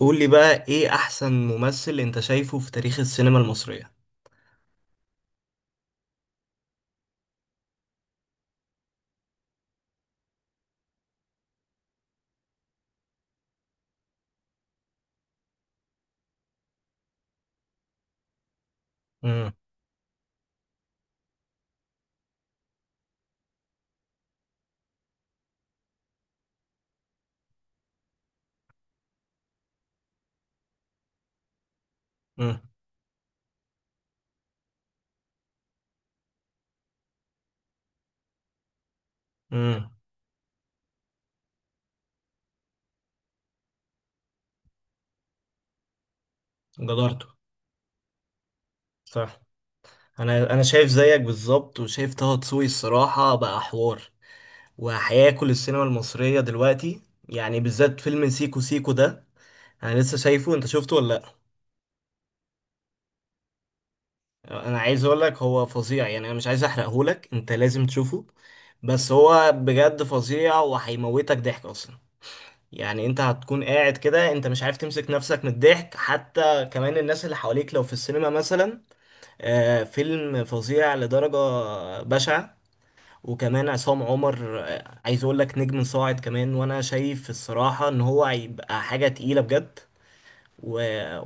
قول لي بقى ايه احسن ممثل انت شايفه في تاريخ السينما المصرية؟ امم. امم. امم. جدارته. صح. انا شايف زيك بالظبط، وشايف طه دسوقي الصراحة بقى حوار، وهياكل السينما المصرية دلوقتي. يعني بالذات فيلم سيكو سيكو ده، انا لسه شايفه. انت شفته ولا؟ لا، انا عايز اقول لك هو فظيع. يعني انا مش عايز احرقهولك، انت لازم تشوفه. بس هو بجد فظيع، وهيموتك ضحك اصلا. يعني انت هتكون قاعد كده، انت مش عارف تمسك نفسك من الضحك، حتى كمان الناس اللي حواليك لو في السينما مثلا. فيلم فظيع لدرجة بشعة. وكمان عصام عمر، عايز اقول لك نجم صاعد كمان. وانا شايف الصراحة ان هو هيبقى حاجة تقيلة بجد.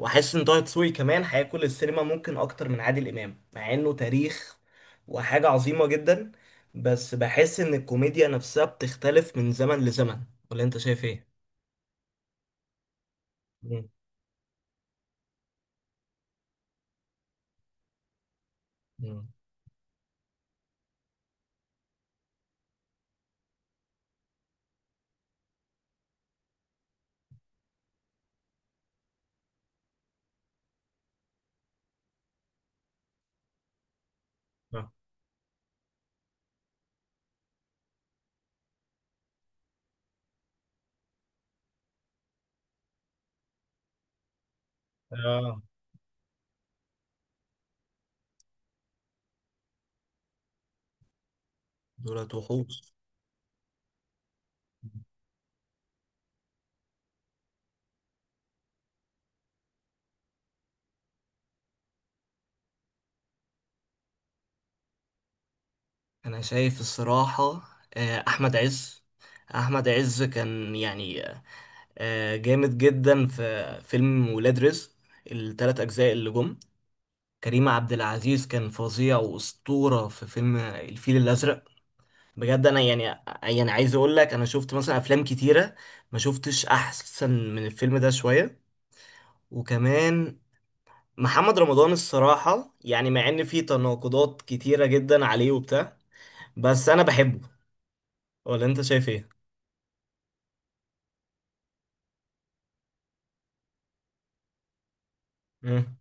واحس ان طه دسوقي كمان هياكل السينما ممكن اكتر من عادل امام، مع انه تاريخ وحاجة عظيمة جدا. بس بحس ان الكوميديا نفسها بتختلف من زمن لزمن. ولا انت شايف ايه؟ مم. اه. آه. دولت وحوش. انا شايف الصراحة، احمد عز. احمد عز كان يعني جامد جدا في فيلم ولاد رزق، الثلاث اجزاء اللي جم. كريم عبد العزيز كان فظيع واسطورة في فيلم الفيل الازرق. بجد انا يعني عايز اقول لك انا شفت مثلا افلام كتيرة، ما شفتش احسن من الفيلم ده شوية. وكمان محمد رمضان الصراحة، يعني مع ان في تناقضات كتيرة جدا عليه وبتاع، بس انا بحبه. ولا انت شايف ايه؟ مم.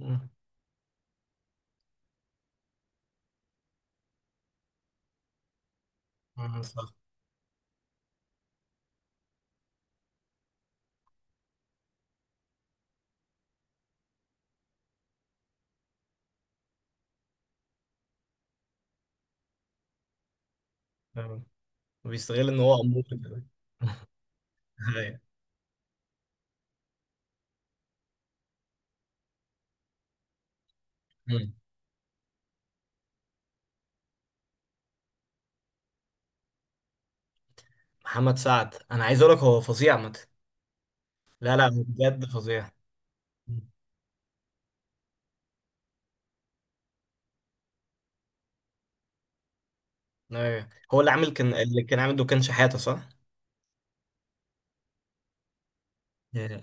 مم. مم. صح. آه. بيستغل ان هو امور كده. أيوة. مم. محمد سعد انا عايز اقول لك هو فظيع مت. لا، لا، هو بجد فظيع. مم. أيوة. هو اللي عامل، كان اللي كان عامل دكان شحاته، صح؟ Yeah.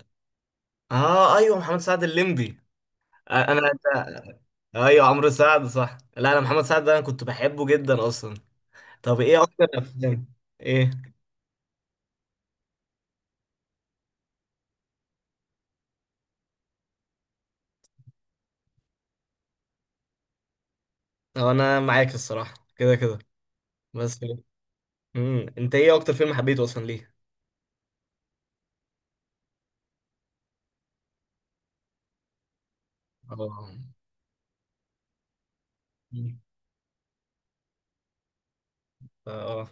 اه، ايوه، محمد سعد الليمبي. آه، انا أنت- ايوه، عمرو سعد، صح. لا، انا محمد سعد ده انا كنت بحبه جدا اصلا. طب ايه اكتر افلام؟ ايه. هو انا معاك الصراحه كده كده، بس. مم. انت ايه اكتر فيلم حبيته اصلا، ليه؟ اه. اه.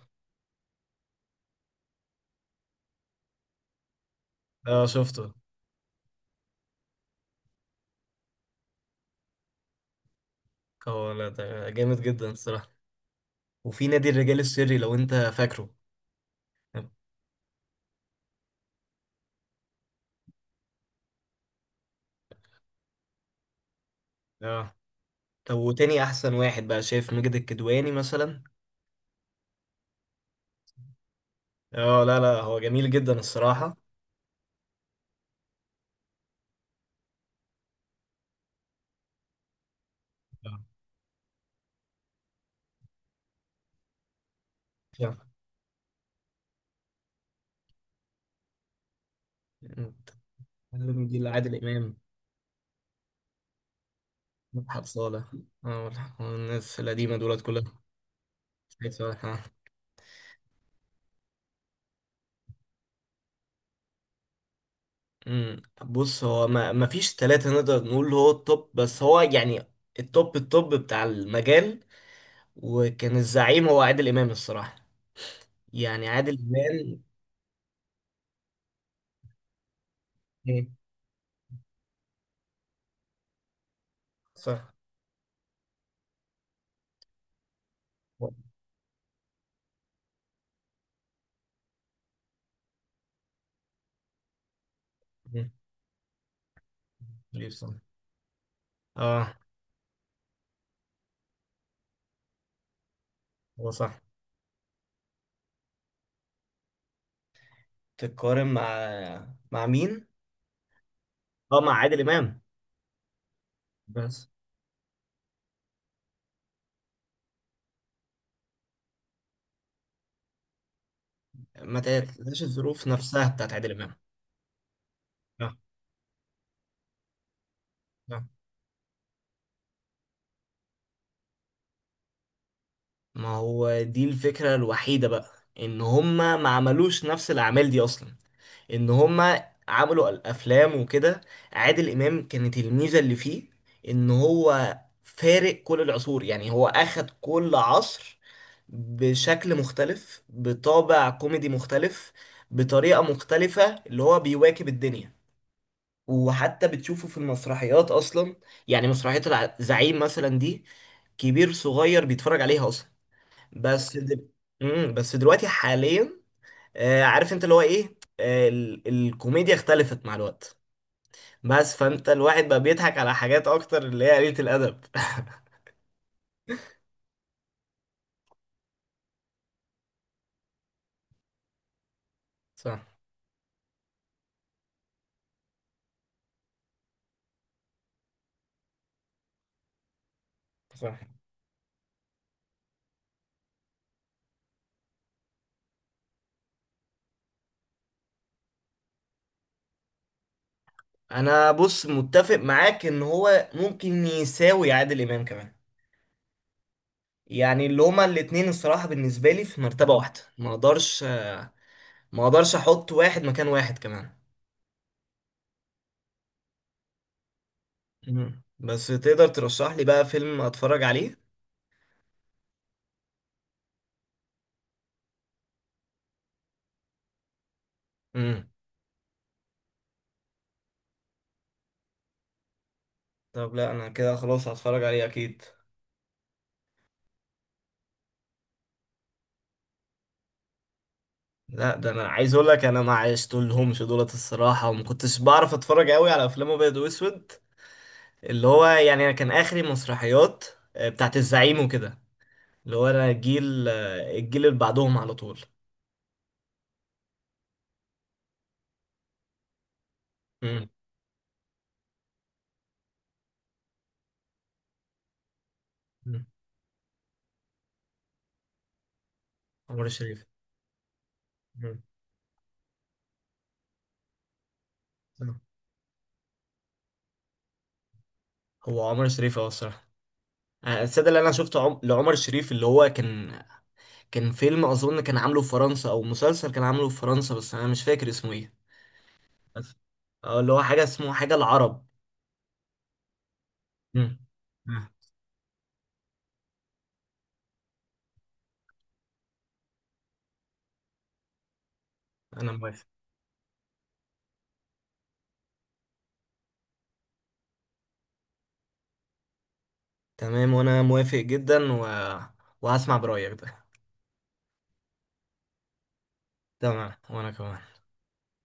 اه، شفته. هو لا، ده جامد جدا الصراحة. وفي نادي الرجال السري، لو انت فاكره. اه. طب وتاني احسن واحد بقى، شايف ماجد الكدواني مثلا؟ اه، لا، لا، هو جميل جدا الصراحة. آه. آه. جيل عادل امام. مدحت صالح. اه. والناس القديمة دولت كلها. سعيد صالح. آه. أمم. بص، هو ما فيش ثلاثة نقدر نقول هو التوب، بس هو يعني التوب التوب بتاع المجال. وكان الزعيم هو عادل امام الصراحه. يعني عادل امام. مم. صح. مم. ليه، صح. اه. هو صح. تتقارن مع مين؟ اه، مع عادل امام. بس ما تقلقش الظروف نفسها بتاعت عادل امام. صح. صح. ما هو دي الفكره الوحيده بقى، ان هما ما عملوش نفس الاعمال دي اصلا، ان هما عملوا الافلام وكده. عادل امام كانت الميزه اللي فيه ان هو فارق كل العصور. يعني هو اخد كل عصر بشكل مختلف، بطابع كوميدي مختلف، بطريقه مختلفه، اللي هو بيواكب الدنيا. وحتى بتشوفه في المسرحيات اصلا. يعني مسرحيه الزعيم مثلا دي، كبير صغير بيتفرج عليها اصلا. بس دل... بس دلوقتي حاليا، عارف انت اللي هو ايه، الكوميديا اختلفت مع الوقت. بس فانت الواحد بقى بيضحك على حاجات اكتر اللي هي قليلة الادب صح. صح. انا بص متفق معاك ان هو ممكن يساوي عادل امام كمان. يعني اللي هما الاتنين الصراحة بالنسبة لي في مرتبة واحدة. ما اقدرش احط واحد مكان واحد كمان. مم. بس تقدر ترشح لي بقى فيلم اتفرج عليه؟ امم. طب، لا انا كده خلاص هتفرج عليه اكيد. لا، ده انا عايز اقول لك انا ما عشتلهمش دولت الصراحه، وما كنتش بعرف اتفرج قوي على افلام ابيض واسود. اللي هو يعني انا كان اخري مسرحيات بتاعت الزعيم وكده. اللي هو انا الجيل اللي بعدهم على طول. امم. أمم. عمر الشريف. أمم. أمم. هو عمر الشريف الصراحه. السادة اللي انا شفته لعمر الشريف، اللي هو كان فيلم اظن كان عامله في فرنسا، او مسلسل كان عامله في فرنسا، بس انا مش فاكر اسمه ايه. بس اه اللي هو حاجه اسمه حاجه العرب. أمم. أمم. انا موافق. تمام، وانا موافق جدا. وهسمع برايك ده. تمام وانا كمان.